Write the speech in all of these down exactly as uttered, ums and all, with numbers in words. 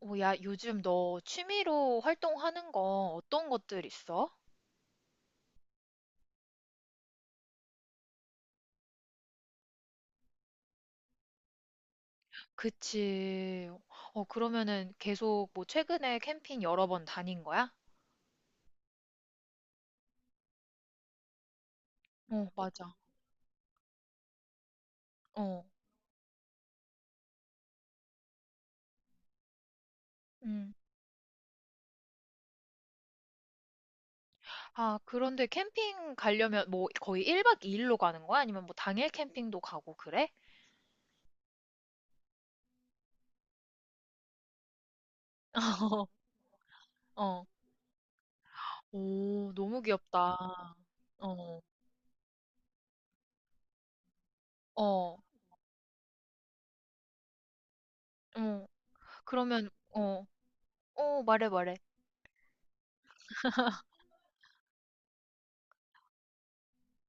오, 야, 요즘 너 취미로 활동하는 거 어떤 것들 있어? 그치. 어, 그러면은 계속 뭐 최근에 캠핑 여러 번 다닌 거야? 어, 맞아. 어. 음. 아, 그런데 캠핑 가려면 뭐 거의 일 박 이 일로 가는 거야? 아니면 뭐 당일 캠핑도 가고 그래? 어. 오, 너무 귀엽다. 어. 어. 응. 그러면 어. 어, 말해 말해.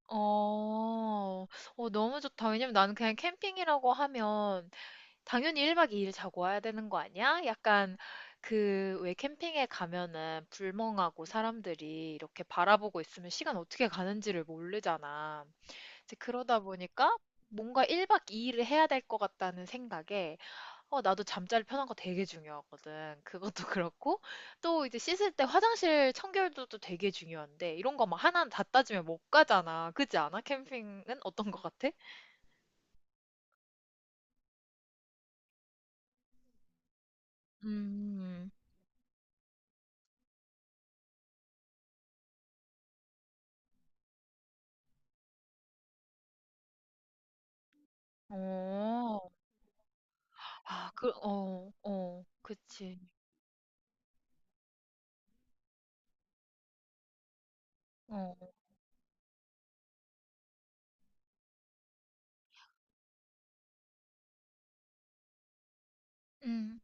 어, 어, 너무 좋다. 왜냐면 나는 그냥 캠핑이라고 하면 당연히 일 박 이 일 자고 와야 되는 거 아니야? 약간 그 왜 캠핑에 가면은 불멍하고 사람들이 이렇게 바라보고 있으면 시간 어떻게 가는지를 모르잖아. 이제 그러다 보니까 뭔가 일 박 이 일을 해야 될 것 같다는 생각에 어, 나도 잠자리 편한 거 되게 중요하거든. 그것도 그렇고, 또 이제 씻을 때 화장실 청결도 또 되게 중요한데, 이런 거 막 하나 다 따지면 못 가잖아. 그지 않아? 캠핑은 어떤 거 같아? 음, 어, 아, 그, 어, 어, 그치. 어, 음.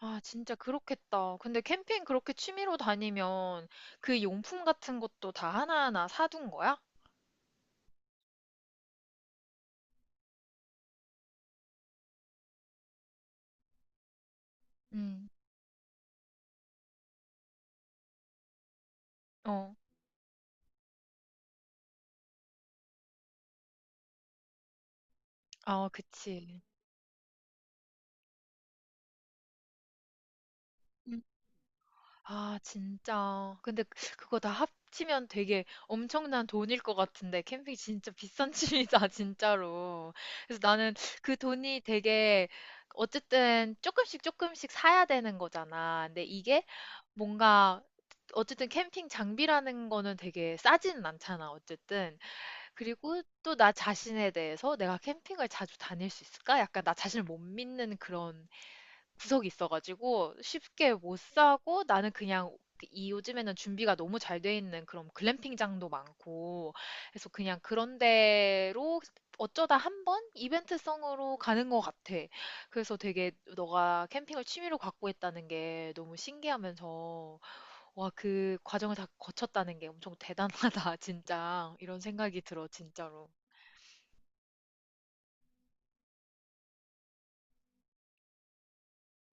아, 진짜 그렇겠다. 근데 캠핑 그렇게 취미로 다니면 그 용품 같은 것도 다 하나하나 사둔 거야? 음, 어, 아, 그치. 아, 진짜. 근데 그- 그거 다 합치면 되게 엄청난 돈일 것 같은데, 캠핑 진짜 비싼 취미다, 진짜로. 그래서 나는 그 돈이 되게, 어쨌든 조금씩 조금씩 사야 되는 거잖아. 근데 이게 뭔가, 어쨌든 캠핑 장비라는 거는 되게 싸지는 않잖아, 어쨌든. 그리고 또 나 자신에 대해서 내가 캠핑을 자주 다닐 수 있을까? 약간 나 자신을 못 믿는 그런 구석이 있어가지고 쉽게 못 사고 나는 그냥 이 요즘에는 준비가 너무 잘 돼 있는 그런 글램핑장도 많고 그래서 그냥 그런 데로 어쩌다 한번 이벤트성으로 가는 것 같아. 그래서 되게 너가 캠핑을 취미로 갖고 있다는 게 너무 신기하면서 와, 그 과정을 다 거쳤다는 게 엄청 대단하다, 진짜. 이런 생각이 들어, 진짜로.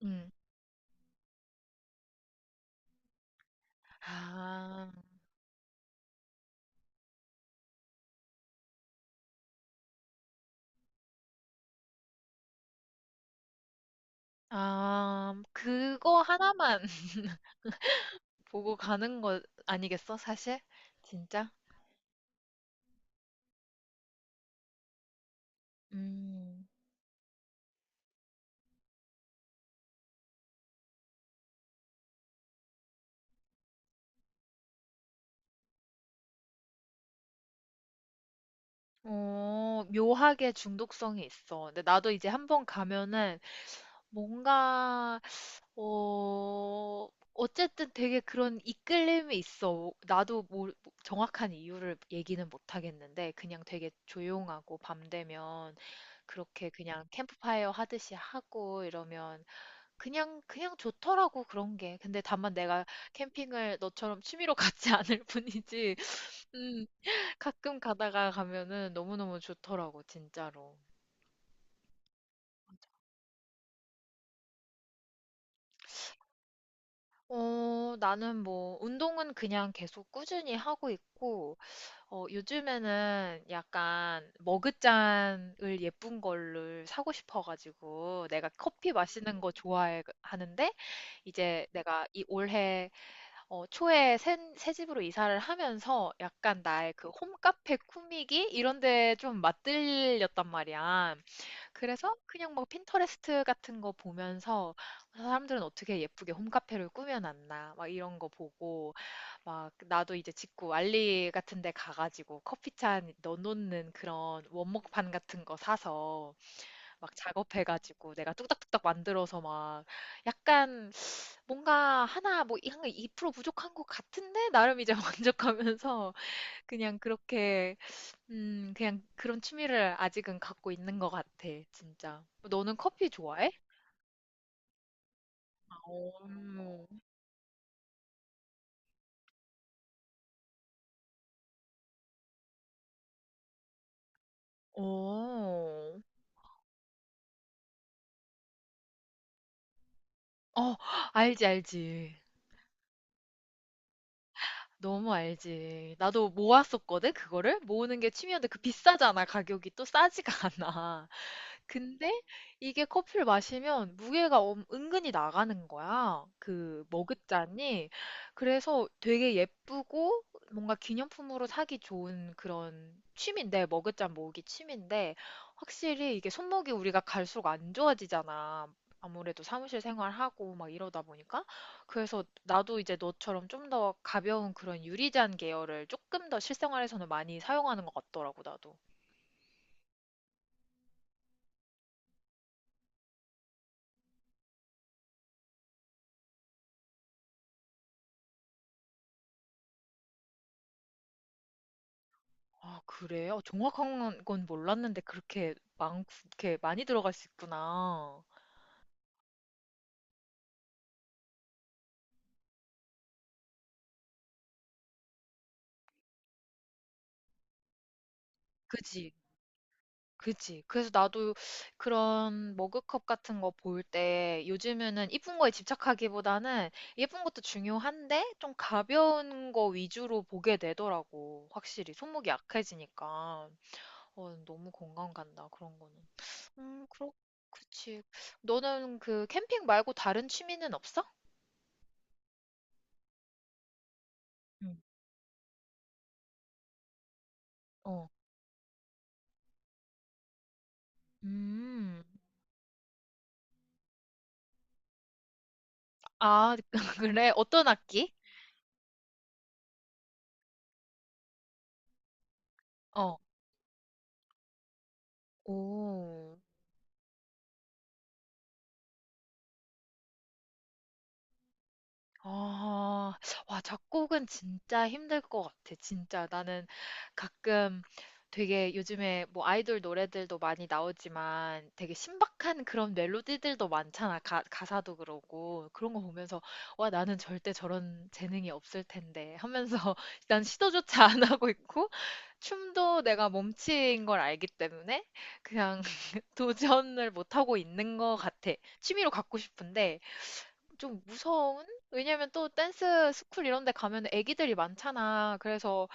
음. 아, 아, 그거 하나만. 보고 가는 거 아니겠어, 사실? 진짜? 음, 어, 묘하게 중독성이 있어. 근데 나도 이제 한 번 가면은 뭔가, 어, 어쨌든 되게 그런 이끌림이 있어. 나도 뭐 정확한 이유를 얘기는 못 하겠는데, 그냥 되게 조용하고 밤 되면 그렇게 그냥 캠프파이어 하듯이 하고 이러면 그냥 그냥 좋더라고 그런 게. 근데 다만 내가 캠핑을 너처럼 취미로 가지 않을 뿐이지. 음, 가끔 가다가 가면은 너무너무 좋더라고 진짜로. 어, 나는 뭐, 운동은 그냥 계속 꾸준히 하고 있고, 어, 요즘에는 약간 머그잔을 예쁜 걸를 사고 싶어가지고, 내가 커피 마시는 거 좋아하는데, 이제 내가 이 올해 어, 초에 새, 새 집으로 이사를 하면서 약간 나의 그 홈카페 꾸미기 이런 데 좀 맞들렸단 말이야. 그래서 그냥 막 핀터레스트 같은 거 보면서 사람들은 어떻게 예쁘게 홈카페를 꾸며놨나 막 이런 거 보고 막 나도 이제 직구 알리 같은 데 가가지고 커피잔 넣어놓는 그런 원목판 같은 거 사서 막 작업해가지고 내가 뚝딱뚝딱 만들어서 막 약간 뭔가 하나 뭐 한 이 프로 부족한 것 같은데 나름 이제 만족하면서 그냥 그렇게 음 그냥 그런 취미를 아직은 갖고 있는 것 같아 진짜. 너는 커피 좋아해? 오. 오. 어, 알지 알지. 너무 알지. 나도 모았었거든 그거를 모으는 게 취미였는데 그 비싸잖아 가격이 또 싸지가 않아. 근데 이게 커피를 마시면 무게가 엄- 은근히 나가는 거야. 그 머그잔이. 그래서 되게 예쁘고 뭔가 기념품으로 사기 좋은 그런 취미인데, 머그잔 모으기 취미인데, 확실히 이게 손목이 우리가 갈수록 안 좋아지잖아. 아무래도 사무실 생활하고 막 이러다 보니까. 그래서 나도 이제 너처럼 좀 더 가벼운 그런 유리잔 계열을 조금 더 실생활에서는 많이 사용하는 것 같더라고, 나도. 아 그래요? 정확한 건 몰랐는데 그렇게 많고 이렇게 많이 들어갈 수 있구나. 그지, 그지. 그래서 나도 그런 머그컵 같은 거 볼 때 요즘에는 이쁜 거에 집착하기보다는 예쁜 것도 중요한데 좀 가벼운 거 위주로 보게 되더라고. 확실히 손목이 약해지니까. 어, 너무 공감 간다. 그런 거는. 음, 그렇, 그치. 너는 그 캠핑 말고 다른 취미는 없어? 응. 어. 음. 아, 그래? 어떤 악기? 어. 오, 아, 와, 작곡은 진짜 힘들 것 같아. 진짜 나는 가끔 되게 요즘에 뭐 아이돌 노래들도 많이 나오지만 되게 신박한 그런 멜로디들도 많잖아. 가, 가사도 그러고. 그런 거 보면서 와, 나는 절대 저런 재능이 없을 텐데 하면서 난 시도조차 안 하고 있고 춤도 내가 몸치인 걸 알기 때문에 그냥 도전을 못하고 있는 것 같아. 취미로 갖고 싶은데 좀 무서운? 왜냐면 또 댄스 스쿨 이런 데 가면 애기들이 많잖아. 그래서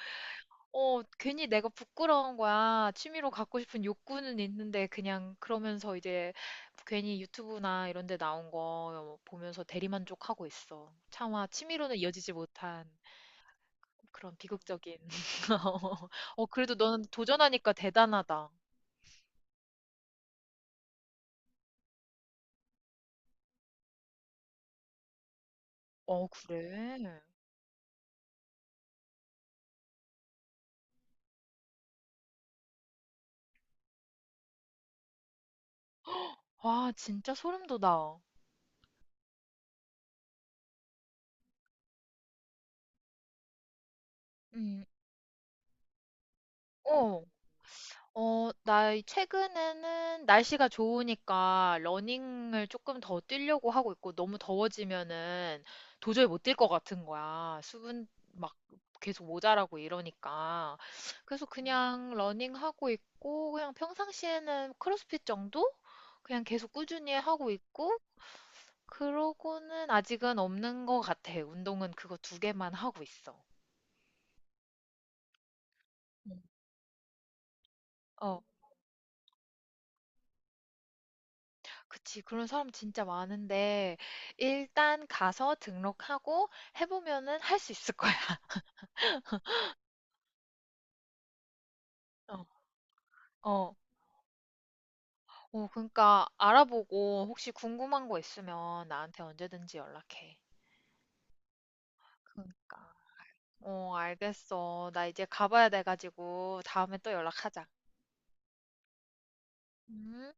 어, 괜히 내가 부끄러운 거야. 취미로 갖고 싶은 욕구는 있는데 그냥 그러면서 이제 괜히 유튜브나 이런 데 나온 거 보면서 대리만족하고 있어. 차마 취미로는 이어지지 못한. 그런 비극적인. 어 그래도 너는 도전하니까 대단하다. 어 그래? 와 진짜 소름 돋아. 음. 어. 어, 나 최근에는 날씨가 좋으니까 러닝을 조금 더 뛰려고 하고 있고 너무 더워지면은 도저히 못 뛸 것 같은 거야. 수분 막 계속 모자라고 이러니까. 그래서 그냥 러닝하고 있고 그냥 평상시에는 크로스핏 정도? 그냥 계속 꾸준히 하고 있고 그러고는 아직은 없는 것 같아. 운동은 그거 두 개만 하고 있어. 음. 어, 그치. 그런 사람 진짜 많은데, 일단 가서 등록하고 해보면은 할 수 있을 거야. 어, 어, 어, 그러니까 알아보고 혹시 궁금한 거 있으면 나한테 언제든지 연락해. 그러니까. 어, 알겠어. 나 이제 가봐야 돼가지고 다음에 또 연락하자. 음.